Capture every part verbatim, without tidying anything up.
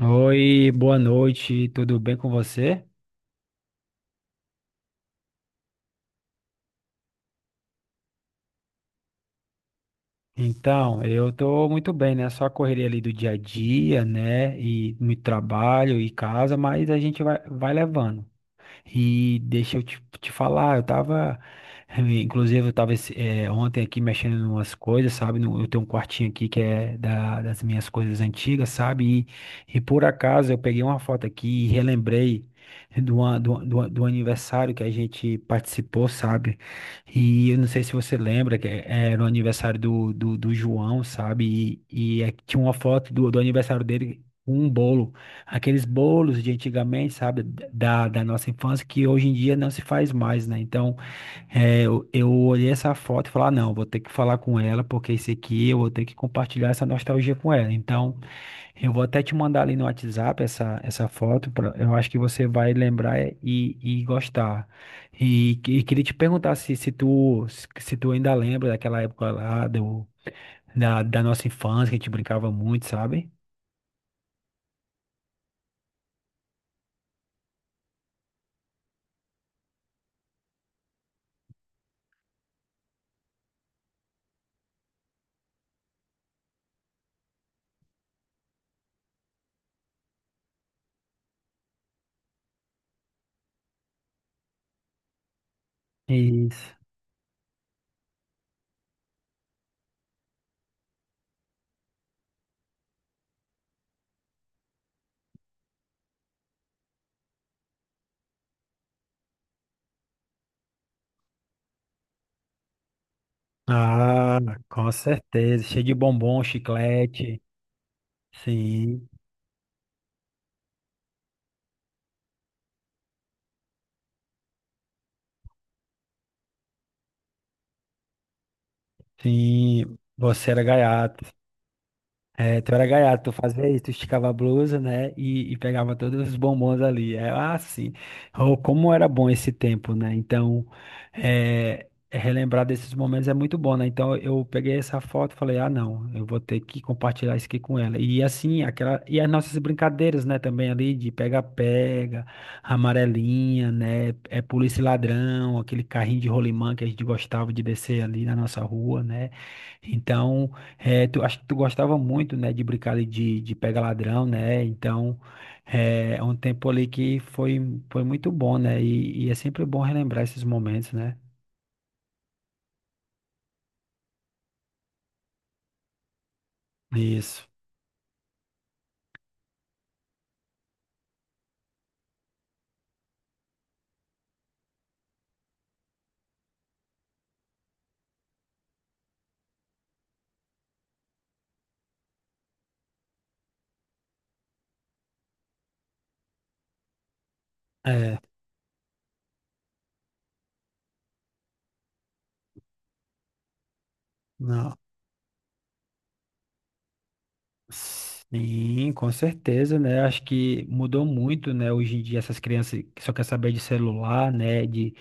Oi, boa noite, tudo bem com você? Então, eu tô muito bem, né? Só a correria ali do dia a dia, né? E no trabalho e casa, mas a gente vai, vai levando. E deixa eu te, te falar, eu tava, eh, inclusive eu tava esse- eh, ontem aqui mexendo em umas coisas, sabe? No- Eu tenho um quartinho aqui que é da- das minhas coisas antigas, sabe? E, e por acaso eu peguei uma foto aqui e relembrei do, an- do, do, do aniversário que a gente participou, sabe? E eu não sei se você lembra, que eh, era o aniversário do, do, do João, sabe? E, e é- tinha uma foto do, do aniversário dele com um bolo, aqueles bolos de antigamente, sabe, da, da nossa infância, que hoje em dia não se faz mais, né? Então, é, eu, eu olhei essa foto e falei, ah, não, vou ter que falar com ela, porque esse aqui eu vou ter que compartilhar essa nostalgia com ela. Então, eu vou até te mandar ali no WhatsApp essa, essa foto, pra- eu acho que você vai lembrar e, e gostar. E, e queria te perguntar se, se tu, se tu ainda lembra daquela época lá do, da, da nossa infância, que a gente brincava muito, sabe? Isso. Ah, com certeza. Cheio de bombom, chiclete. Sim, sim. Você era gaiato. É, tu era gaiato, tu fazia isso, tu esticava a blusa, né, e, e pegava todos os bombons ali. É, ah, sim, oh, como era bom esse tempo, né? Então, é, relembrar desses momentos é muito bom, né? Então, eu peguei essa foto e falei, ah, não, eu vou ter que compartilhar isso aqui com ela. E assim, aquela, e as nossas brincadeiras, né, também ali, de pega-pega, amarelinha, né, é polícia e ladrão, aquele carrinho de rolimã que a gente gostava de descer ali na nossa rua, né? Então. É, tu, acho que tu gostava muito, né, de brincar ali de, de pega ladrão, né? Então, é é um tempo ali que foi, foi muito bom, né? E, e é sempre bom relembrar esses momentos, né? Isso. É, não. Sim, com certeza, né? Acho que mudou muito, né? Hoje em dia essas crianças que só quer saber de celular, né? De,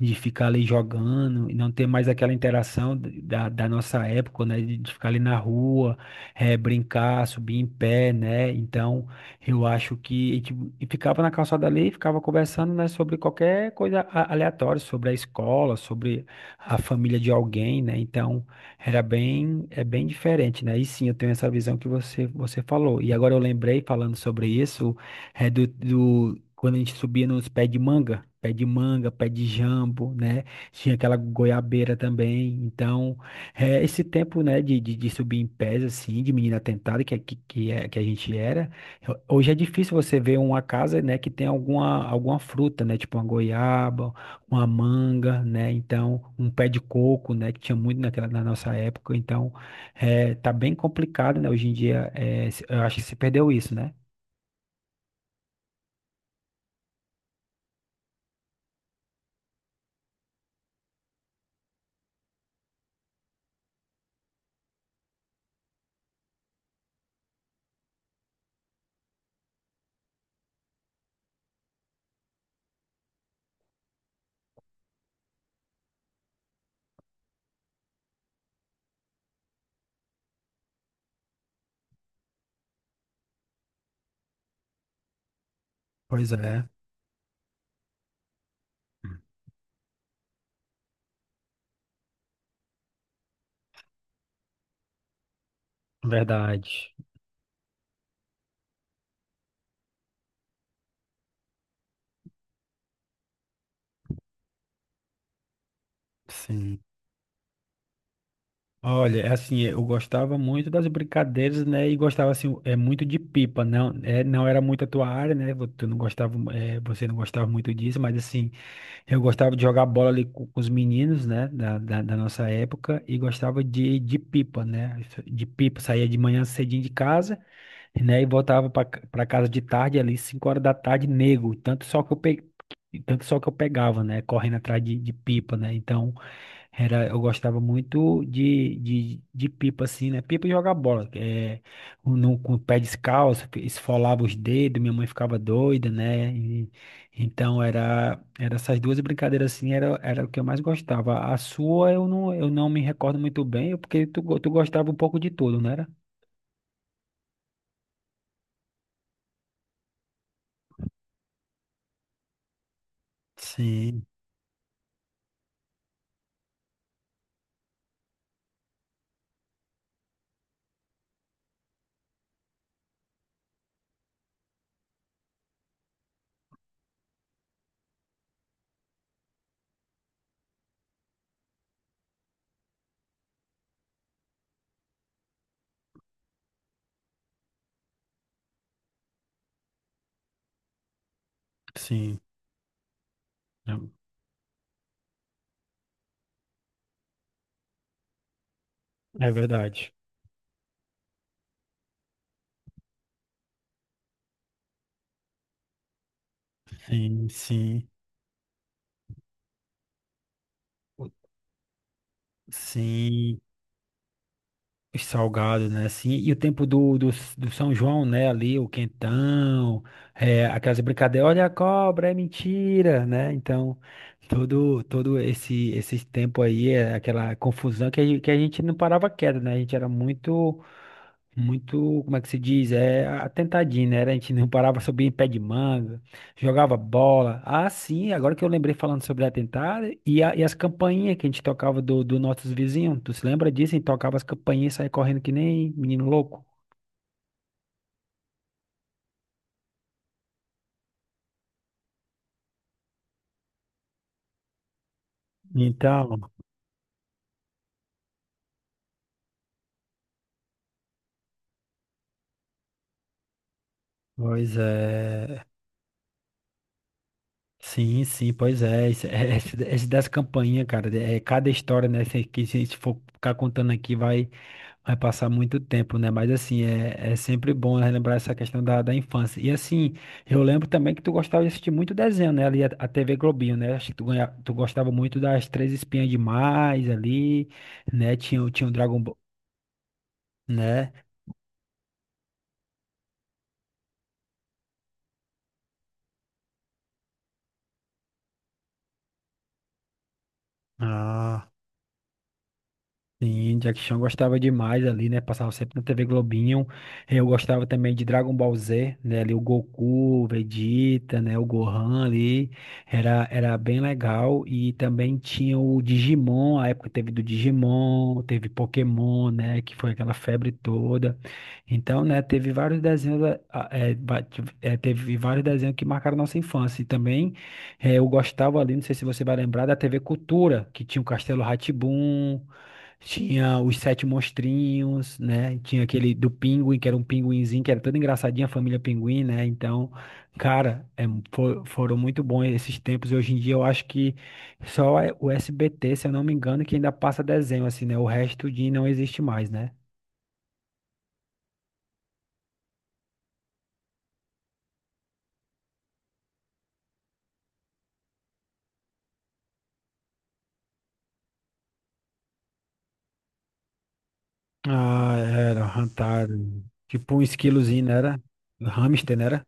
de ficar ali jogando e não ter mais aquela interação da, da nossa época, né? De, de ficar ali na rua, eh, brincar, subir em pé, né? Então, eu acho que a gente- e ficava na calçada ali, e ficava conversando, né? Sobre qualquer coisa a- aleatória, sobre a escola, sobre a família de alguém, né? Então era bem, é bem diferente, né? E sim, eu tenho essa visão que você, você falou. E agora eu lembrei, falando sobre isso, é do, do- quando a gente subia nos pés de manga, pé de manga, pé de jambo, né? Tinha aquela goiabeira também. Então, é, esse tempo, né, de, de, de subir em pés, assim, de menina tentada, que, é que, que, é, que a gente era, hoje é difícil você ver uma casa, né, que tem alguma, alguma fruta, né? Tipo uma goiaba, uma manga, né? Então, um pé de coco, né? Que tinha muito naquela, na nossa época. Então, é, tá bem complicado, né? Hoje em dia, é, se- eu acho que se perdeu isso, né? Pois é. Verdade. Sim. Olha, é assim, é, eu gostava muito das brincadeiras, né? E gostava assim, é muito de pipa, não, é, não era muito a tua área, né? vo- Tu não gostava, é, você não gostava muito disso, mas assim, eu gostava de jogar bola ali com, com os meninos, né? Da, da, da nossa época e gostava de, de pipa, né? isso- De pipa, saía de manhã cedinho de casa, né? E voltava para casa de tarde ali, cinco horas da tarde, nego, tanto só que eu pe... tanto só que eu pegava, né? Correndo atrás de, de pipa, né? Então era, eu gostava muito de, de, de pipa, assim, né? Pipa e jogar bola. É, no, com o pé descalço, que esfolava os dedos, minha mãe ficava doida, né? E- então, era, era essas duas brincadeiras, assim, era, era o que eu mais gostava. A sua, eu não, eu não me recordo muito bem, porque tu, go- tu gostava um pouco de tudo, não era? Sim, sim. É é verdade. Sim, sim, sim. Salgado, né? Assim, e o tempo do, do, do São João, né? Ali, o quentão, é, aquelas brincadeiras, olha a cobra, é mentira, né? Então, todo, todo esse, esse tempo aí, é aquela confusão que a, gente- que a gente não parava quieto, né? A gente era muito muito, como é que se diz? É atentadinho, né? Era, a gente não parava, subia em pé de manga, jogava bola. Ah, sim, agora que eu lembrei falando sobre atentado e, a- e as campainhas que a gente tocava do, do nossos vizinhos. Tu se lembra disso? A gente tocava as campainhas e saía correndo que nem menino louco. Então, pois é. Sim, sim, pois é. Esse, é, esse- esse das campainhas, cara, é cada história, né? Se- Que se a gente for ficar contando aqui, vai. Vai passar muito tempo, né? Mas assim, é, é sempre bom relembrar essa questão da, da infância. E assim, eu lembro também que tu gostava de assistir muito desenho, né? Ali a, a T V Globinho, né? Acho que tu, ganha, tu gostava muito das Três Espinhas Demais ali, né? Tinha, o- tinha o Dragon Ball, né? Sim, Jack Chan gostava demais ali, né? Passava sempre na T V Globinho. Eu gostava também de Dragon Ball Z, né? Ali o Goku, o Vegeta, né? O Gohan ali. Era, era bem legal. E também tinha o Digimon, a época teve do Digimon, teve Pokémon, né? Que foi aquela febre toda. Então, né? Teve vários desenhos, ah, ah, é, ba- é, teve vários desenhos que marcaram nossa infância. E também eh, eu gostava ali, não sei se você vai lembrar, da T V Cultura, que tinha o Castelo Rá, tinha os Sete Monstrinhos, né? Tinha aquele do Pinguim, que era um pinguinzinho, que era todo engraçadinho, a família Pinguim, né? Então, cara, é, fo- foram muito bons esses tempos. Hoje em dia eu acho que só é o S B T, se eu não me engano, que ainda passa desenho, assim, né? O resto de não existe mais, né? Ah, era, Hantaro. Tipo um esquilozinho, né? Era? Hamster, né? Era?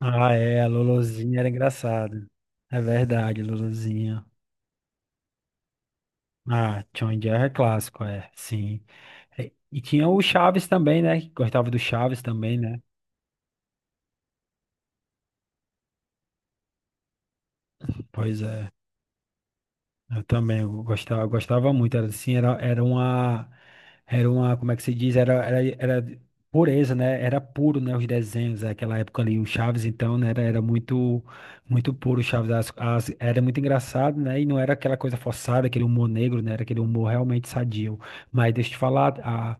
Ah, é, a Lolozinha era engraçada. É verdade, Lolozinha. Ah, John Jerry é clássico, é, sim. E tinha o Chaves também, né? Que gostava do Chaves também, né? Pois é. Eu também eu gostava, eu gostava muito, era assim, era, era uma, era uma, como é que se diz, era, era, era pureza, né, era puro, né, os desenhos, né? Aquela época ali, o Chaves, então, né, era, era muito, muito puro o Chaves, as, as- era muito engraçado, né, e não era aquela coisa forçada, aquele humor negro, né, era aquele humor realmente sadio, mas deixa eu te falar, a,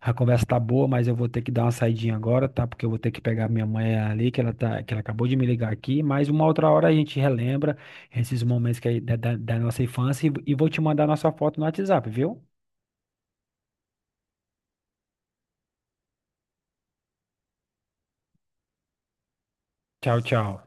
a conversa tá boa, mas eu vou ter que dar uma saidinha agora, tá, porque eu vou ter que pegar minha mãe ali, que ela tá, que ela acabou de me ligar aqui, mas uma outra hora a gente relembra esses momentos que, é da, da da nossa infância e e vou te mandar nossa foto no WhatsApp, viu? Tchau, tchau.